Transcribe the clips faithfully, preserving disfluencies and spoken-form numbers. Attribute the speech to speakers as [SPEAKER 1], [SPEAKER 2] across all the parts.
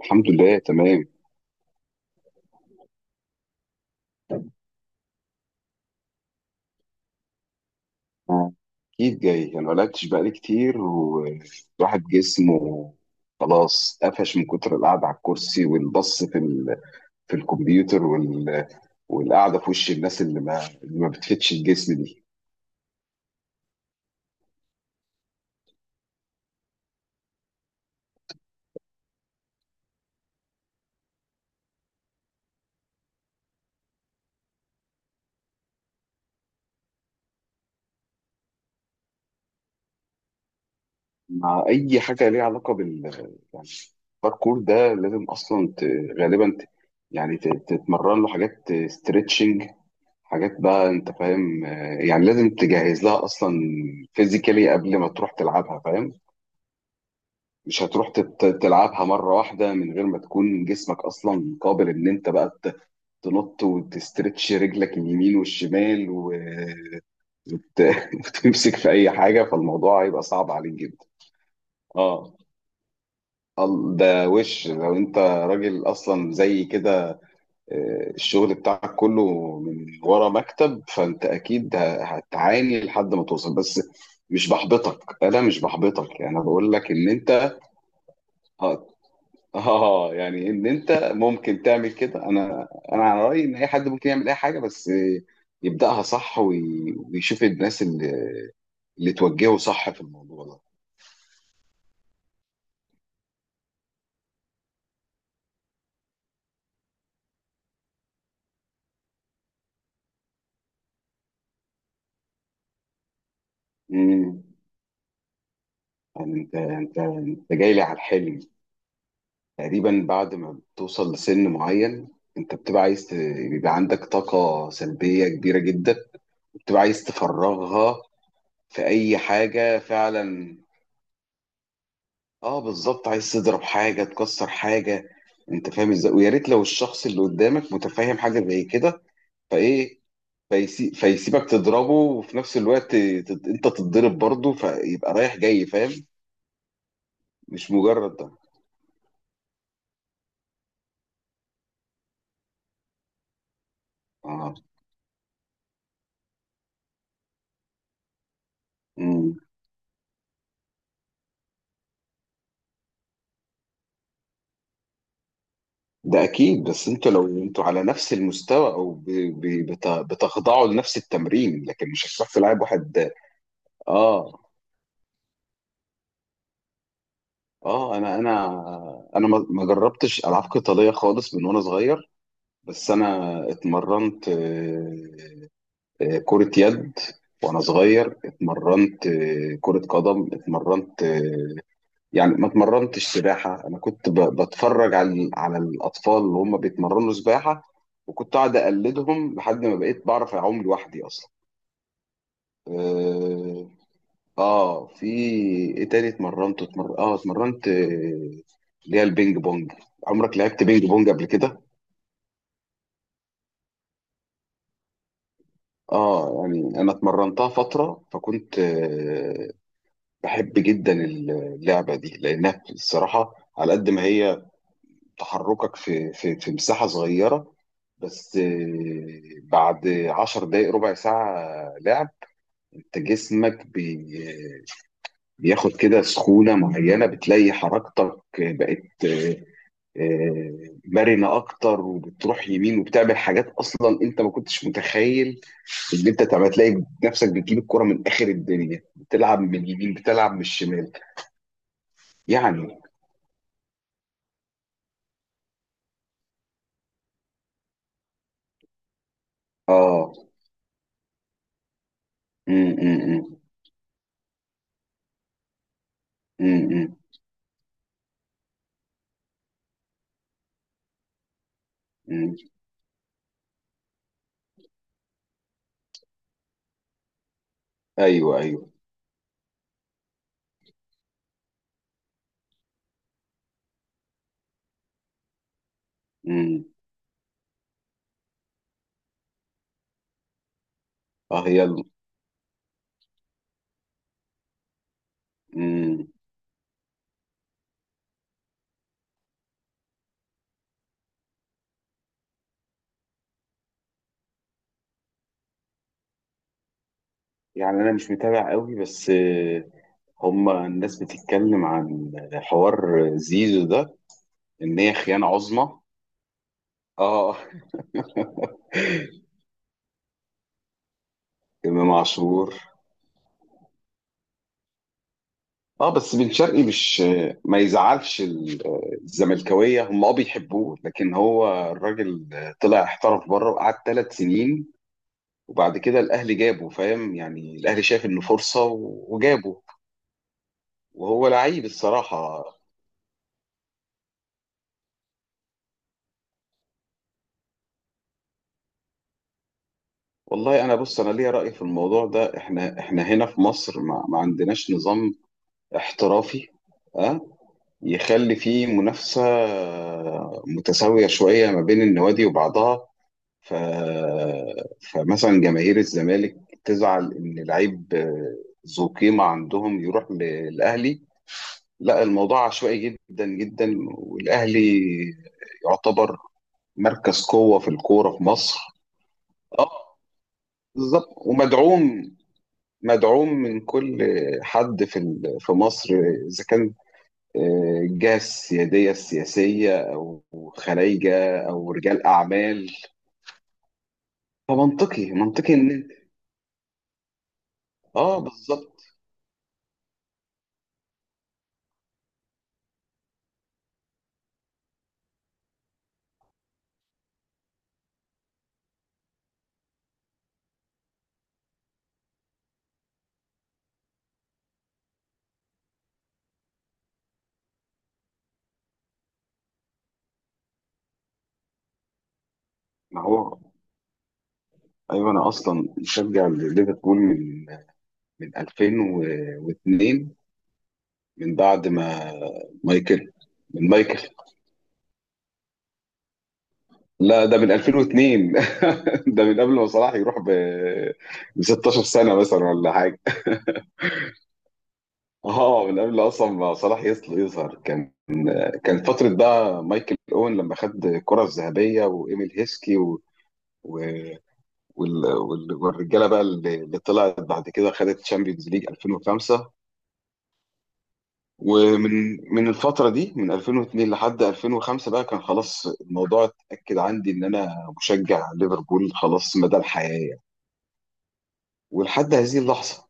[SPEAKER 1] الحمد لله تمام. اكيد جاي، انا ملعبتش بقالي كتير والواحد جسمه خلاص قفش من كتر القعده على الكرسي والبص في ال... في الكمبيوتر وال... والقعده في وش الناس اللي ما اللي ما بتفيدش الجسم دي. مع اي حاجه ليها علاقه بال يعني الباركور ده لازم اصلا ت... غالبا ت... يعني ت... تتمرن له حاجات ستريتشنج، حاجات بقى انت فاهم، آه، يعني لازم تجهز لها اصلا فيزيكالي قبل ما تروح تلعبها، فاهم. مش هتروح تت- تلعبها مرة واحدة من غير ما تكون جسمك أصلا قابل إن أنت بقى ت- تنط وتسترتش رجلك اليمين والشمال وت- وتمسك في أي حاجة، فالموضوع هيبقى صعب عليك جدا. آه. ال- ده وش لو أنت راجل أصلا زي كده. آه، الشغل بتاعك كله من ورا مكتب، فأنت أكيد ه- هتعاني لحد ما توصل. بس مش بحبطك، أنا مش بحبطك، أنا بقول لك إن أنت آه، اه، يعني ان انت ممكن تعمل كده. انا انا على رايي ان اي حد ممكن يعمل اي حاجه، بس يبداها صح وي- ويشوف الناس اللي اللي توجهه صح في الموضوع ده. امم يعني انت انت انت جاي لي على الحلم. تقريبا بعد ما بتوصل لسن معين، انت بتبقى عايز ت- بيبقى عندك طاقه سلبيه كبيره جدا، بتبقى عايز تفرغها في اي حاجه فعلا. اه، بالظبط، عايز تضرب حاجة تكسر حاجة. انت فاهم ازاي، ويا ريت لو الشخص اللي قدامك متفاهم حاجة زي كده، فايه، فيسي... فيسيبك تضربه وفي نفس الوقت تت... انت تتضرب برضه، فيبقى رايح جاي، فاهم. مش مجرد ده. اه. امم. ده اكيد. بس انتوا لو انتوا على نفس المستوى او ب... ب... بت... بتخضعوا لنفس التمرين، لكن مش هتروح تلعب واحد. اه، اه، انا انا انا ما ما جربتش العاب قتالية خالص من وانا صغير. بس انا اتمرنت آه، آه، كرة يد، وانا صغير اتمرنت آه، كرة قدم، اتمرنت آه، يعني ما اتمرنتش سباحة. انا كنت ب- بتفرج على على الاطفال اللي هم بيتمرنوا سباحة، وكنت قاعد اقلدهم لحد ما بقيت بعرف اعوم لوحدي اصلا. اه. آه، في ايه تاني اتمرنت؟ اتمر... اه اتمرنت آه، اللي هي البينج بونج. عمرك لعبت بينج بونج قبل كده؟ اه، يعني انا اتمرنتها فتره، فكنت آه، بحب جدا اللعبه دي، لانها الصراحه على قد ما هي تحركك في في في مساحه صغيره، بس آه، بعد عشر دقايق ربع ساعه لعب، انت جسمك بي- آه، بياخد كده سخونه معينه، بتلاقي حركتك بقت آه، آه، مرنه اكتر، وبتروح يمين وبتعمل حاجات اصلا انت ما كنتش متخيل اللي انت تعمل. تلاقي نفسك بتجيب الكرة من اخر الدنيا، بتلعب من اليمين بتلعب من الشمال. يعني. اه. امم. امم. امم. امم. ايوه، ايوه. امم. اه. يلا. امم. يعني انا مش متابع قوي، بس آه، هما الناس بتتكلم عن حوار زيزو ده ان هي خيانة عظمى. اه، امام عاشور. اه، بس بن شرقي مش. ما يزعلش ال- الزملكاويه، هم اه بيحبوه، لكن هو الراجل طلع احترف بره وقعد ثلاث سنين، وبعد كده الاهلي جابه. فاهم يعني الاهلي شاف انه فرصه و- وجابه، وهو لعيب الصراحه. والله انا بص، انا ليا راي في الموضوع ده. احنا احنا هنا في مصر ما, ما عندناش نظام احترافي اه يخلي فيه منافسه متساويه شويه ما بين النوادي وبعضها. ف... فمثلا جماهير الزمالك تزعل ان لعيب آه، ذو قيمه عندهم يروح ل- للاهلي. لا، الموضوع عشوائي جدا جدا، والاهلي يعتبر مركز قوه في الكوره في مصر. اه، بالظبط. ومدعوم مدعوم من كل حد في ال- في مصر، اذا كان آه، الجهه السياديه السياسيه او خلايجه او رجال اعمال. فمنطقي منطقي ان. اه، بالظبط. ما هو، ايوه، انا اصلا مشجع ليفربول من من ألفين واثنين، من بعد ما مايكل. من مايكل لا، ده من ألفين واثنين. ده من قبل ما صلاح يروح ب ب ستاشر سنه مثلا ولا حاجه. اه، من قبل اصلا ما صلاح يصل يظهر. كان كان فتره بقى مايكل اوين لما خد الكره الذهبيه وايميل هيسكي و... و... وال... وال... والرجاله بقى اللي اللي طلعت بعد كده خدت تشامبيونز ليج ألفين وخمسة. ومن من الفترة دي من ألفين واثنين لحد ألفين وخمسة بقى كان خلاص الموضوع اتأكد عندي إن أنا مشجع ليفربول، خلاص مدى الحياة يعني. ولحد هذه اللحظة.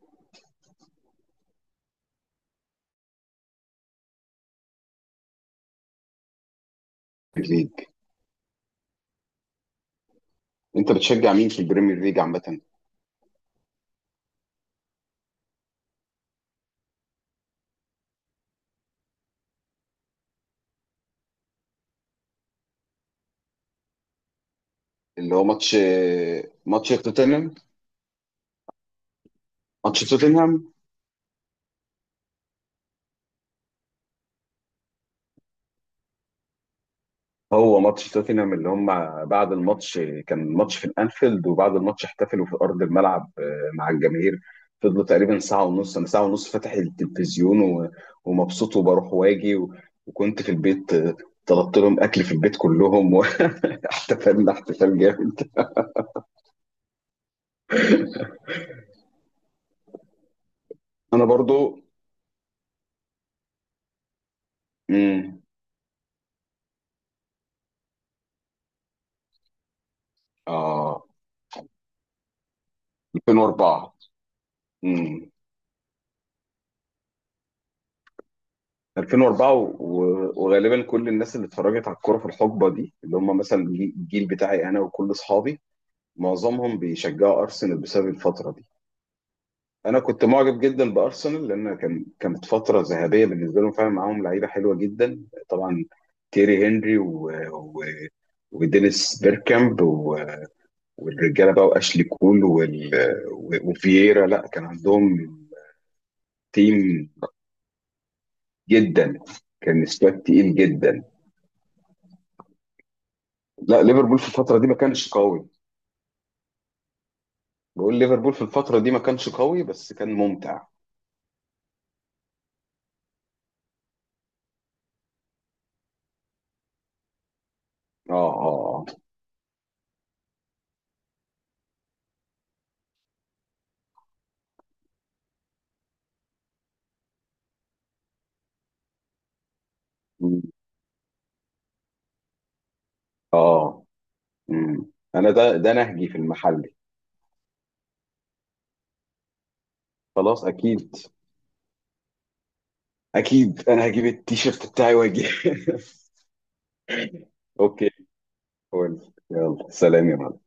[SPEAKER 1] في الليج. أنت بتشجع مين في البريمير ليج عامة؟ اللي هو ماتش. ماتش توتنهام ماتش توتنهام. هو ماتش توتنهام اللي هم، بعد الماتش كان ماتش في الانفيلد، وبعد الماتش احتفلوا في ارض الملعب آه، مع الجماهير، فضلوا تقريبا ساعه ونص. انا ساعه ونص فاتح التلفزيون و- ومبسوط وبروح واجي و- وكنت في البيت آه، طلبت لهم اكل في البيت كلهم، واحتفلنا احتفال جامد. انا برضو. امم. اه. ألفين واربعة. امم. ألفين واربعه و- وغالبا كل الناس اللي اتفرجت على الكوره في الحقبه دي، اللي هم مثلا الجيل بتاعي انا وكل اصحابي، معظمهم بيشجعوا ارسنال بسبب الفتره دي. انا كنت معجب جدا بارسنال، لان كان كانت فتره ذهبيه بالنسبه لهم فعلا. معاهم لعيبه حلوه جدا طبعا، تيري هنري و... و... ودينيس بيركامب و... والرجاله بقى واشلي كول وال... و... وفييرا. لا، كان عندهم تيم جدا، كان سكواد تقيل جدا. لا، ليفربول في الفتره دي ما كانش قوي. بقول ليفربول في الفتره دي ما كانش قوي، بس كان ممتع. اه، اه، اه، آه. مم. انا ده ده نهجي في المحل. خلاص اكيد. اكيد انا هجيب التيشيرت بتاعي واجي اوكي. قول. يلا، سلام يا معلم.